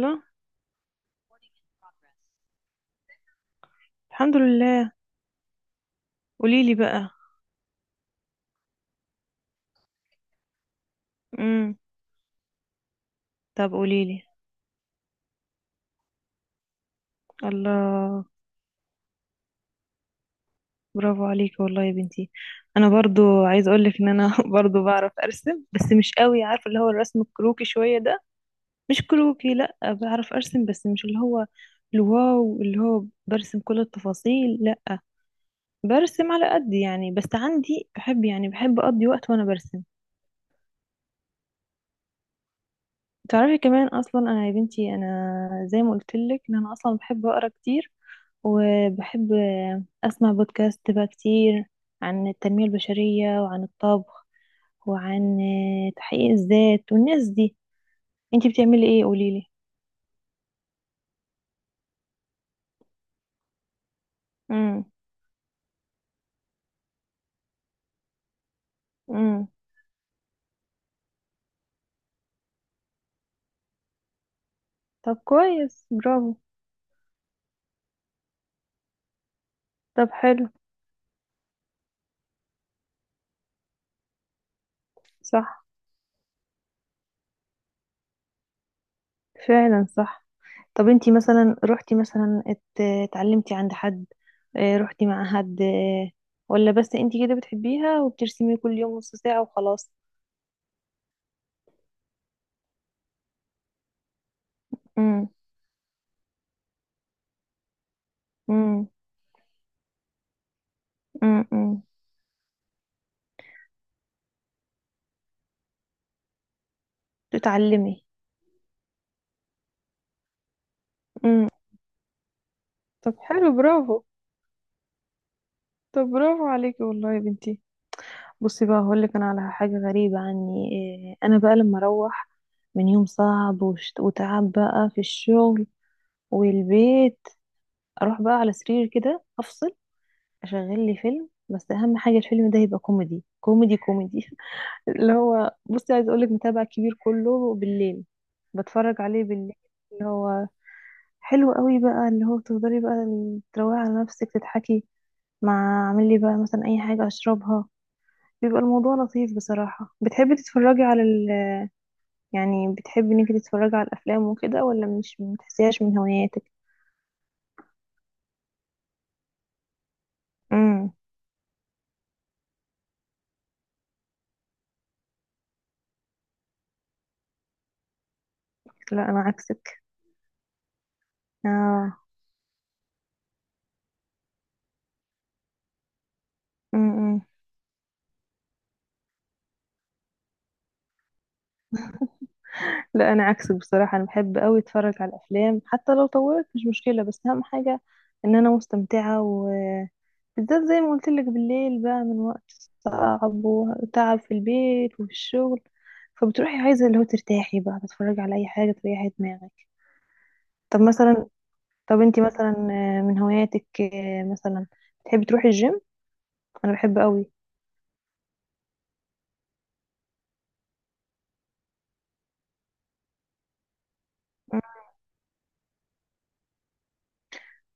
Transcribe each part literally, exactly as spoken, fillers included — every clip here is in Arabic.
لا. الحمد لله. قوليلي بقى. امم طب قوليلي. الله، برافو عليكي والله يا بنتي. انا برضو عايز اقولك ان انا برضو بعرف ارسم، بس مش قوي، عارفه اللي هو الرسم الكروكي شويه ده. مش كروكي، لا بعرف ارسم بس مش اللي هو الواو، اللي هو برسم كل التفاصيل، لا برسم على قد يعني، بس عندي بحب، يعني بحب اقضي وقت وانا برسم. تعرفي كمان اصلا انا يا بنتي، انا زي ما قلت لك ان انا اصلا بحب اقرا كتير، وبحب اسمع بودكاست بقى كتير عن التنمية البشرية وعن الطبخ وعن تحقيق الذات والناس دي. انتي بتعملي ايه قوليلي؟ امم امم طب كويس، برافو. طب حلو. صح، فعلا صح. طب انتي مثلا روحتي مثلا ات- اتعلمتي عند حد؟ اه، روحتي مع حد؟ اه، ولا بس انتي كده بتحبيها وبترسمي كل يوم نص ساعة وخلاص؟ امم. امم. امم. تتعلمي. امم. طب حلو، برافو. طب برافو عليكي والله يا بنتي. بصي بقى، هقولك انا على حاجة غريبة عني. اه، انا بقى لما اروح من يوم صعب وشت- وتعب بقى في الشغل والبيت، اروح بقى على سرير كده افصل، اشغل لي فيلم، بس اهم حاجه الفيلم ده يبقى كوميدي كوميدي كوميدي. اللي هو، بصي عايز اقولك، متابع كبير كله بالليل، بتفرج عليه بالليل. اللي هو حلو قوي بقى، اللي هو تفضلي بقى تروقي على نفسك تضحكي، مع اعمل لي بقى مثلا اي حاجه اشربها، بيبقى الموضوع لطيف بصراحه. بتحبي تتفرجي على ال...؟ يعني بتحبي انك تتفرجي على الافلام وكده ولا مش بتحسيهاش من هواياتك؟ امم. لا انا عكسك. اه. امم. لا انا عكسك بصراحه، انا بحب قوي اتفرج على الافلام حتى لو طولت مش مشكله، بس اهم حاجه ان انا مستمتعه، وبالذات زي ما قلت لك بالليل بقى من وقت صعب وتعب في البيت وفي الشغل، فبتروحي عايزه اللي هو ترتاحي بقى تتفرجي على اي حاجه تريحي دماغك. طب مثلا، طب انتي مثلا آه، من هواياتك آه، مثلا بتحبي تروحي الجيم؟ انا بحب قوي.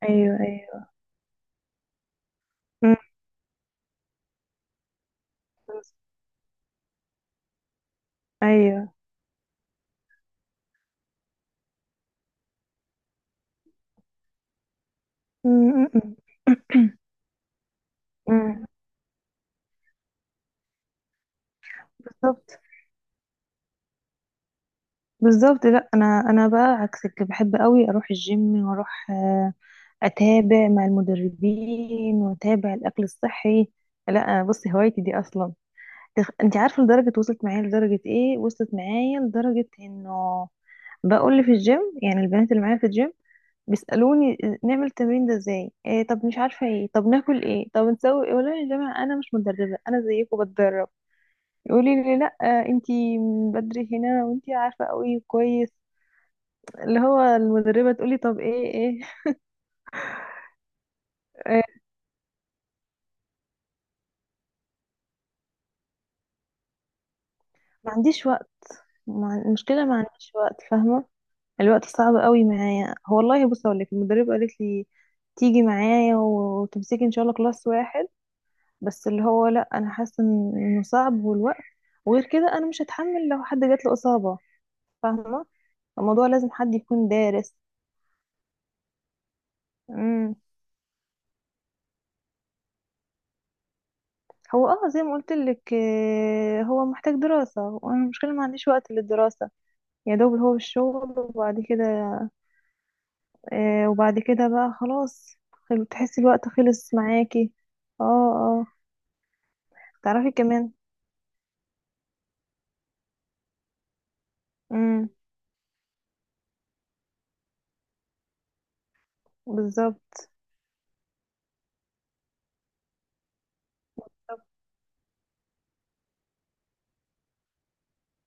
ايوه ايوه. مم. ايوه. مم. مم. مم. بالظبط. بالظبط. لا انا انا بقى عكسك، بحب قوي اروح الجيم واروح آه، اتابع مع المدربين واتابع الاكل الصحي. لا بصي هوايتي دي اصلا تخ... انت عارفه لدرجه وصلت معايا، لدرجه ايه، وصلت معايا لدرجه انه بقول لي في الجيم، يعني البنات اللي معايا في الجيم بيسالوني آه، نعمل التمرين ده ازاي؟ إيه طب مش عارفه ايه، طب ناكل ايه، طب نسوي ايه؟ والله يا جماعه انا مش مدربه، انا زيكم بتدرب. يقولي لي لا آه، انتي بدري هنا وانتي عارفه قوي كويس. اللي هو المدربة تقولي طب ايه ايه. آه، ما عنديش وقت. ما المشكلة ما عنديش وقت، فاهمة. الوقت صعب قوي معايا. هو والله بص اقول لك، المدربة قالت لي تيجي معايا وتمسكي ان شاء الله كلاس واحد، بس اللي هو لا انا حاسة إن- انه صعب، والوقت، وغير كده انا مش هتحمل لو حد جات له إصابة، فاهمة. الموضوع لازم حد يكون دارس. امم. هو اه زي ما قلت لك آه، هو محتاج دراسة، وانا المشكلة ما عنديش وقت للدراسة، يا دوب هو الشغل وبعد كده آه، وبعد كده بقى خلاص، خل- تحسي الوقت خلص معاكي. اه. اه. تعرفي كمان. امم. بالظبط.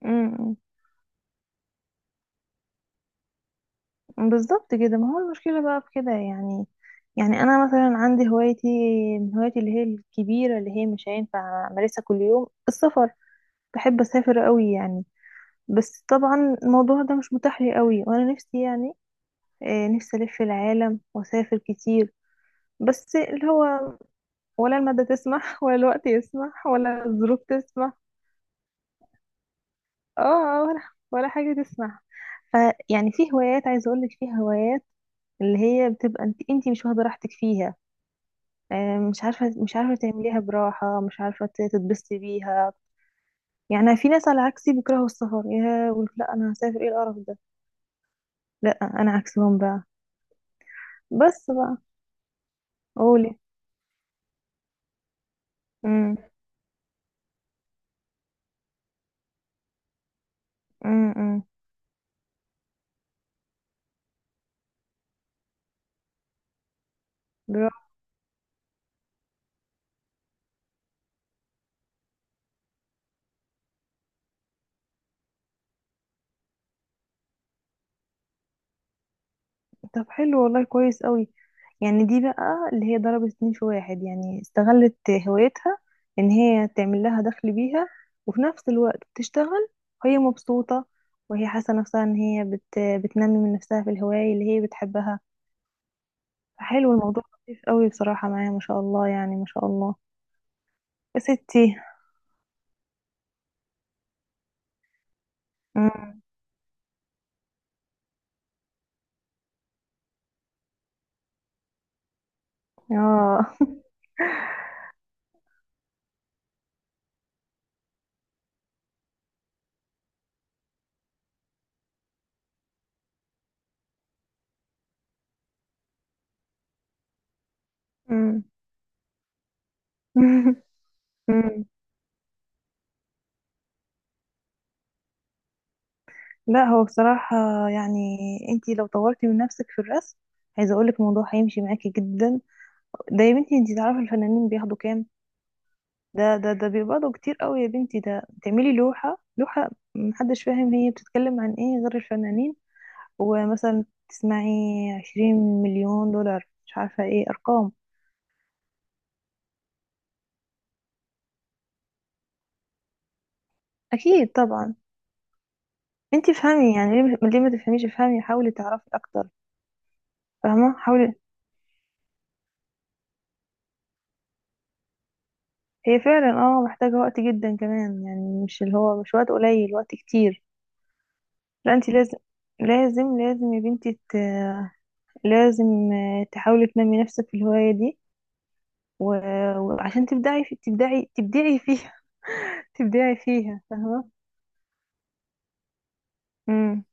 امم. بالظبط كده، ما هو المشكلة بقى في كده يعني. يعني انا مثلا عندي هوايتي، من هوايتي اللي هي الكبيرة اللي هي مش هينفع امارسها كل يوم، السفر. بحب اسافر قوي يعني، بس طبعا الموضوع ده مش متاح لي قوي، وانا نفسي يعني آه، نفسي الف العالم واسافر كتير، بس اللي هو ولا المادة تسمح ولا الوقت يسمح ولا الظروف تسمح. اه آه، ولا ولا حاجة تسمح. ف، يعني في هوايات، عايزة اقولك في هوايات اللي هي بتبقى انت انت مش واخدة راحتك فيها، آه، مش عارفة، مش عارفة تعمليها براحة، مش عارفة ت- تتبسطي بيها. يعني في ناس على عكسي بيكرهوا السفر، يا يقول لا انا هسافر ايه القرف ده. لا انا عكسهم بقى. بس بقى قولي. امم. امم. برافو. طب حلو والله كويس قوي. يعني دي بقى اللي هي ضربت اتنين في واحد يعني، استغلت هوايتها ان هي تعمل لها دخل بيها، وفي نفس الوقت بتشتغل وهي مبسوطة، وهي حاسة نفسها ان هي بت... بتنمي من نفسها في الهواية اللي هي بتحبها. فحلو الموضوع، لطيف قوي بصراحة معايا. ما شاء الله يعني ما شاء الله. يا ستي. مم. اه مم. مم. لا هو بصراحة يعني، انتي لو طورتي من نفسك في الرسم، عايزة اقولك الموضوع هيمشي معاكي جدا. ده يا بنتي انتي تعرفي الفنانين بياخدوا كام؟ ده ده ده بيقبضوا كتير قوي يا بنتي، ده تعملي لوحة لوحة، محدش فاهم هي بتتكلم عن ايه غير الفنانين، ومثلا تسمعي عشرين مليون دولار مش عارفة ايه ارقام. اكيد طبعا. انتي افهمي يعني، ليه ليه ما تفهميش، افهمي، حاولي تعرفي اكتر. فاهمة حاولي. هي فعلا اه محتاجة وقت جدا كمان يعني، مش اللي هو مش وقت قليل، وقت كتير. لا انتي لازم، لازم لازم يا بنتي ت... لازم تحاولي تنمي نفسك في الهواية دي، و- وعشان تبدعي، في تبدعي تبدعي فيها. تبدعي فيها فاهمة. امم.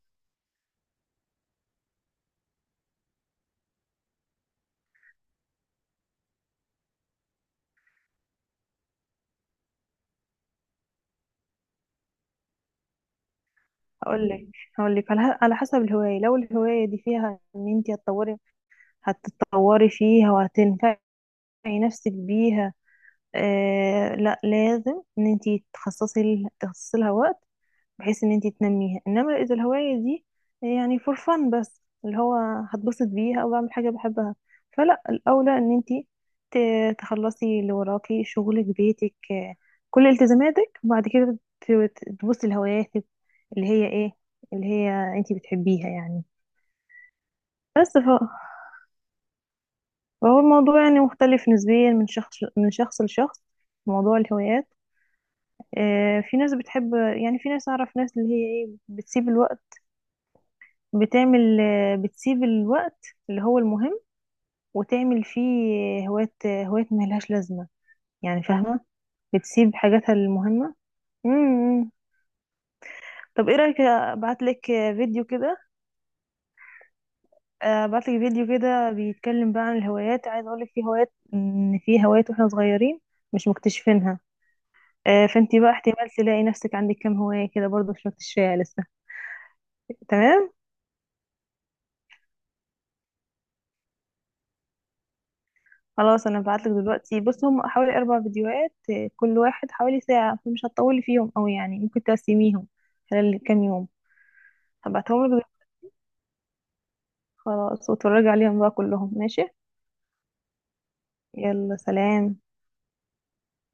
هقول لك، هقول لك على على حسب الهواية. لو الهواية دي فيها ان انت هتطوري، هتتطوري فيها وهتنفعي نفسك بيها آه، لا لازم ان انت تخصصي تخصصي لها وقت بحيث ان انت تنميها، انما اذا الهواية دي يعني فور فن بس اللي هو هتبسط بيها او بعمل حاجة بحبها، فلا الاولى ان انت ت- تخلصي اللي وراكي شغلك بيتك آه، كل التزاماتك، وبعد كده ت- ت- تبصي لهواياتك اللي هي ايه، اللي هي انت بتحبيها يعني. بس ف- فهو الموضوع يعني مختلف نسبيا من شخص من شخص لشخص، موضوع الهوايات. آه، في ناس بتحب، يعني في ناس أعرف، ناس اللي هي إيه بتسيب الوقت بتعمل، بتسيب الوقت اللي هو المهم وتعمل فيه هوايات، هوايات ملهاش لازمة يعني، فاهمة. بتسيب حاجاتها المهمة. امم. طب ايه رأيك ابعت لك فيديو كده، ابعت لك فيديو كده بيتكلم بقى عن الهوايات. عايز اقول لك في هوايات ان في هوايات واحنا صغيرين مش مكتشفينها آه، فانتي بقى احتمال تلاقي نفسك عندك كام هواية كده برضو مش مكتشفاها لسه. تمام. خلاص انا هبعتلك دلوقتي، بص هم حوالي اربع فيديوهات آه، كل واحد حوالي ساعة فمش هتطولي فيهم اوي يعني، ممكن تقسميهم خلال كام يوم. هبعتهم لك دلوقتي. خلاص واتفرجي عليهم بقى كلهم، ماشي. يلا سلام.